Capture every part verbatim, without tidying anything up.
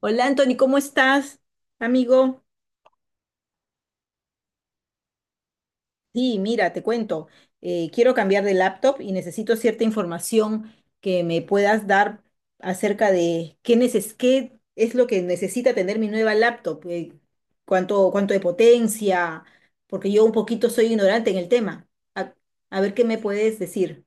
Hola Anthony, ¿cómo estás, amigo? Sí, mira, te cuento. Eh, quiero cambiar de laptop y necesito cierta información que me puedas dar acerca de qué, neces- qué es lo que necesita tener mi nueva laptop, eh, cuánto, cuánto de potencia, porque yo un poquito soy ignorante en el tema. A, a ver qué me puedes decir.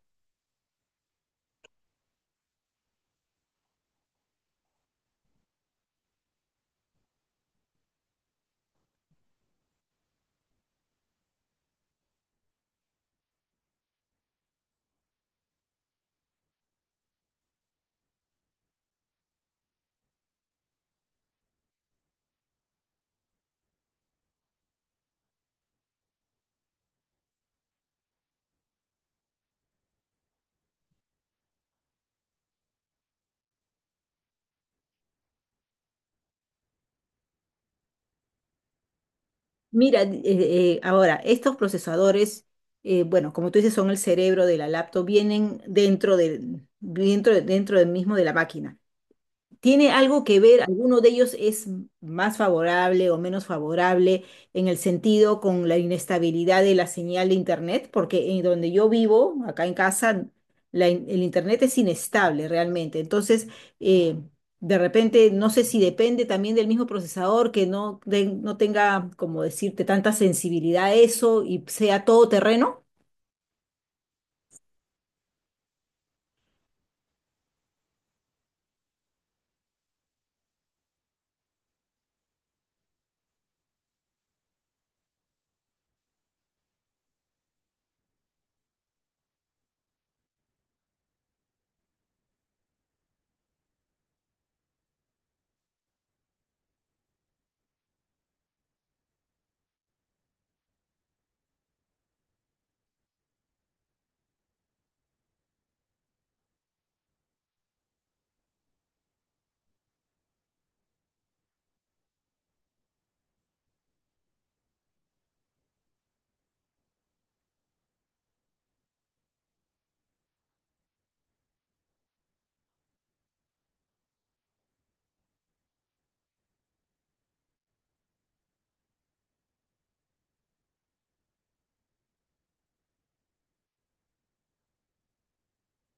Mira, eh, eh, ahora, estos procesadores, eh, bueno, como tú dices, son el cerebro de la laptop, vienen dentro del, dentro, dentro del mismo de la máquina. ¿Tiene algo que ver, alguno de ellos es más favorable o menos favorable en el sentido con la inestabilidad de la señal de Internet? Porque en donde yo vivo, acá en casa, la in- el Internet es inestable realmente. Entonces, eh, de repente, no sé si depende también del mismo procesador que no, ten- no tenga, como decirte, tanta sensibilidad a eso y sea todo terreno.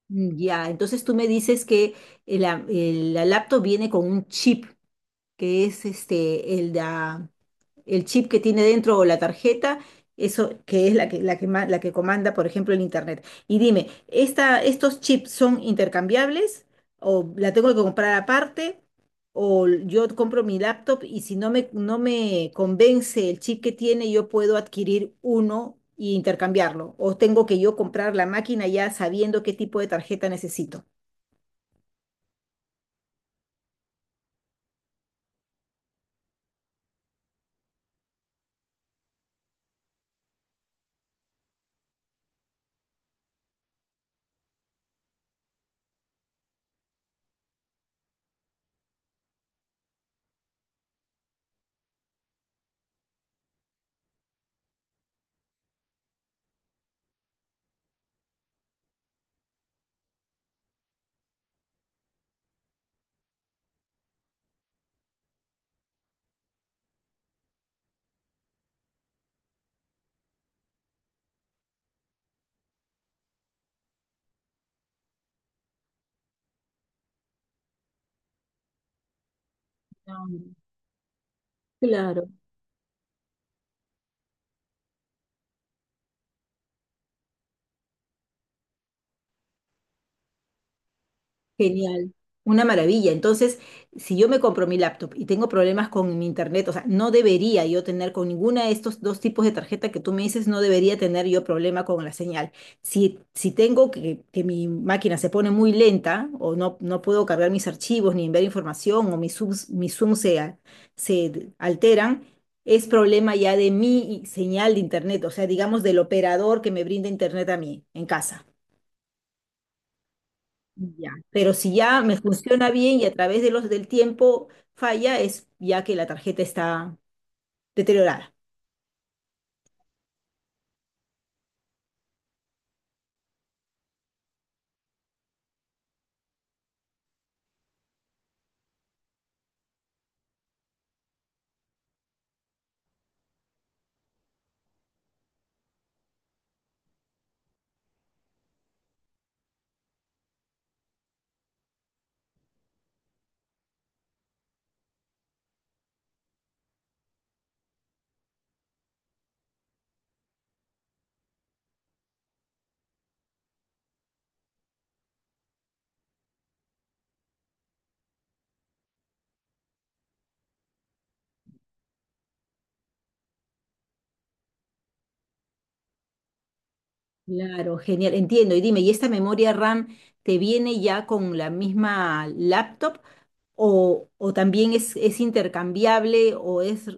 Mm, Ya, entonces tú me dices que la, eh, la laptop viene con un chip. Que es este, el, da- el chip que tiene dentro o la tarjeta, eso que es la que, la que, ma- la que comanda, por ejemplo, el Internet. Y dime, esta, ¿estos chips son intercambiables o la tengo que comprar aparte? O yo compro mi laptop y si no me, no me convence el chip que tiene, yo puedo adquirir uno y intercambiarlo. O tengo que yo comprar la máquina ya sabiendo qué tipo de tarjeta necesito. Ah, claro. Genial, una maravilla. Entonces, si yo me compro mi laptop y tengo problemas con mi internet, o sea, no debería yo tener con ninguna de estos dos tipos de tarjeta que tú me dices, no debería tener yo problema con la señal. Si, si tengo que, que mi máquina se pone muy lenta o no, no puedo cargar mis archivos ni enviar información o mis subs, mis Zoom se, a- se d- alteran, es problema ya de mi señal de internet, o sea, digamos del operador que me brinda internet a mí en casa. Ya, pero si ya me funciona bien y a través de los del tiempo falla, es ya que la tarjeta está deteriorada. Claro, genial, entiendo. Y dime, ¿y esta memoria R A M te viene ya con la misma laptop o, o también es, es intercambiable o es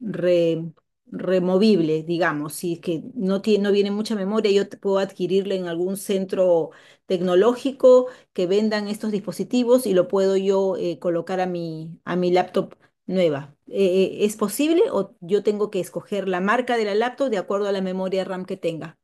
re- removible, digamos, si es que no tiene, no viene mucha memoria, yo te- puedo adquirirla en algún centro tecnológico que vendan estos dispositivos y lo puedo yo eh, colocar a mi, a mi laptop nueva. Eh, eh, ¿es posible o yo tengo que escoger la marca de la laptop de acuerdo a la memoria R A M que tenga?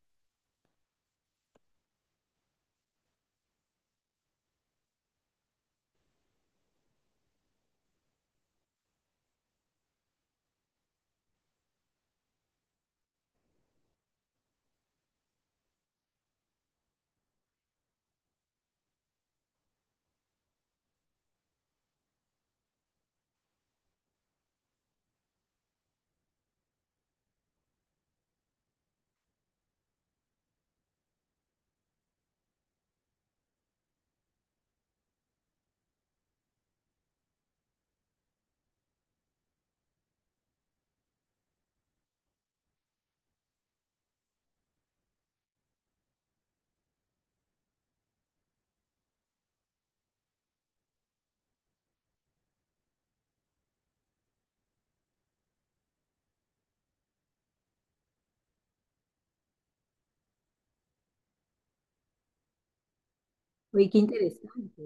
Oye, qué interesante,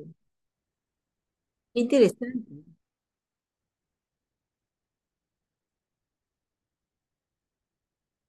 qué interesante.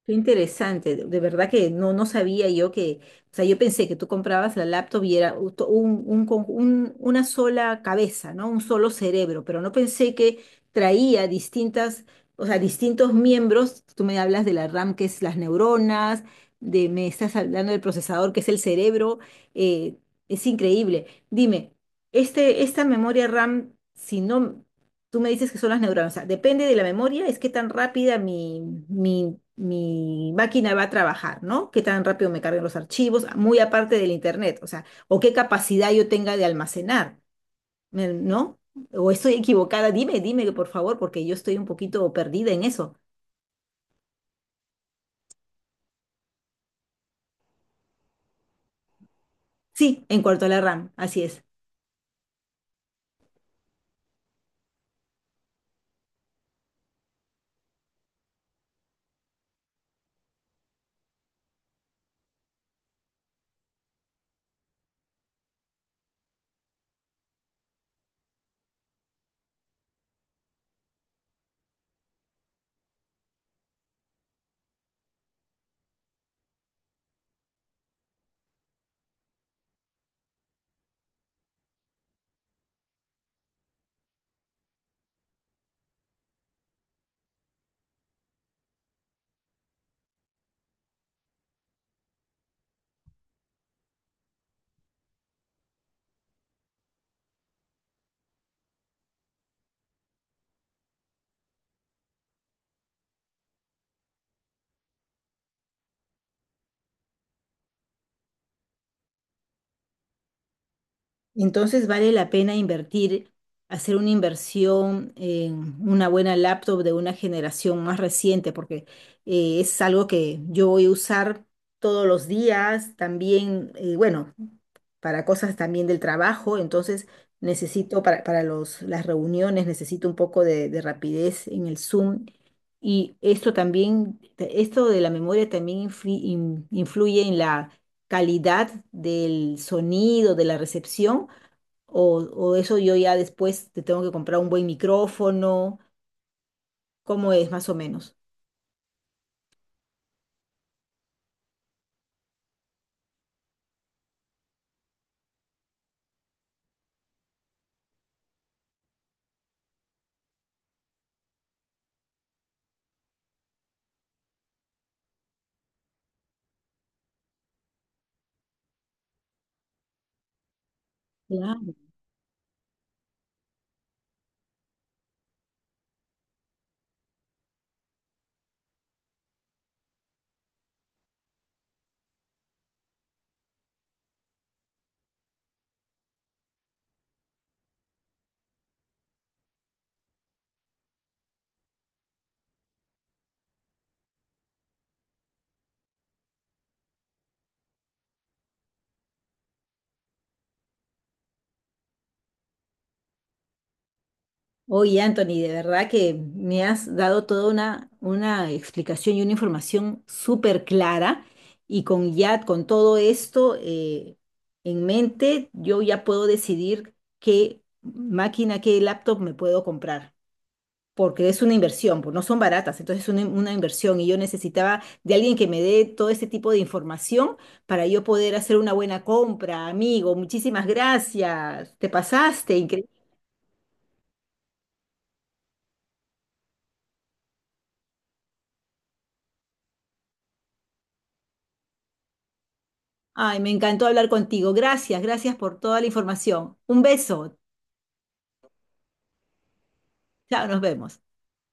Qué interesante, de de verdad que no, no sabía yo que, o sea, yo pensé que tú comprabas la laptop y era un, un- un con- un- una sola cabeza, ¿no? Un solo cerebro, pero no pensé que traía distintas, o sea, distintos miembros. Tú me hablas de la R A M, que es las neuronas, de, me estás hablando del procesador, que es el cerebro. eh, es increíble. Dime, este, esta memoria RAM, si no. Tú me dices que son las neuronas. O sea, depende de la memoria, es qué tan rápida mi, mi, mi máquina va a trabajar, ¿no? Qué tan rápido me carguen los archivos, muy aparte del internet, o sea, o qué capacidad yo tenga de almacenar, me- ¿no? O estoy equivocada, dime, dime, por favor, porque yo estoy un poquito perdida en eso. Sí, en cuanto a la R A M, así es. Entonces vale la pena invertir, hacer una inversión en una buena laptop de una generación más reciente, porque eh, es algo que yo voy a usar todos los días, también, eh, bueno, para cosas también del trabajo, entonces necesito para, para los, las reuniones, necesito un poco de, de rapidez en el Zoom. Y esto también, esto de la memoria también influ- in- influye en la calidad del sonido, de la recepción o, o eso yo ya después te tengo que comprar un buen micrófono. ¿Cómo es más o menos? Claro. Oye, Anthony, de verdad que me has dado toda una, una explicación y una información súper clara y con ya con todo esto eh, en mente, yo ya puedo decidir qué máquina, qué laptop me puedo comprar. Porque es una inversión, pues no son baratas, entonces es una, una inversión y yo necesitaba de alguien que me dé todo ese tipo de información para yo poder hacer una buena compra, amigo, muchísimas gracias, te pasaste, increíble. Ay, me encantó hablar contigo, gracias, gracias por toda la información. Un beso, chao, nos vemos.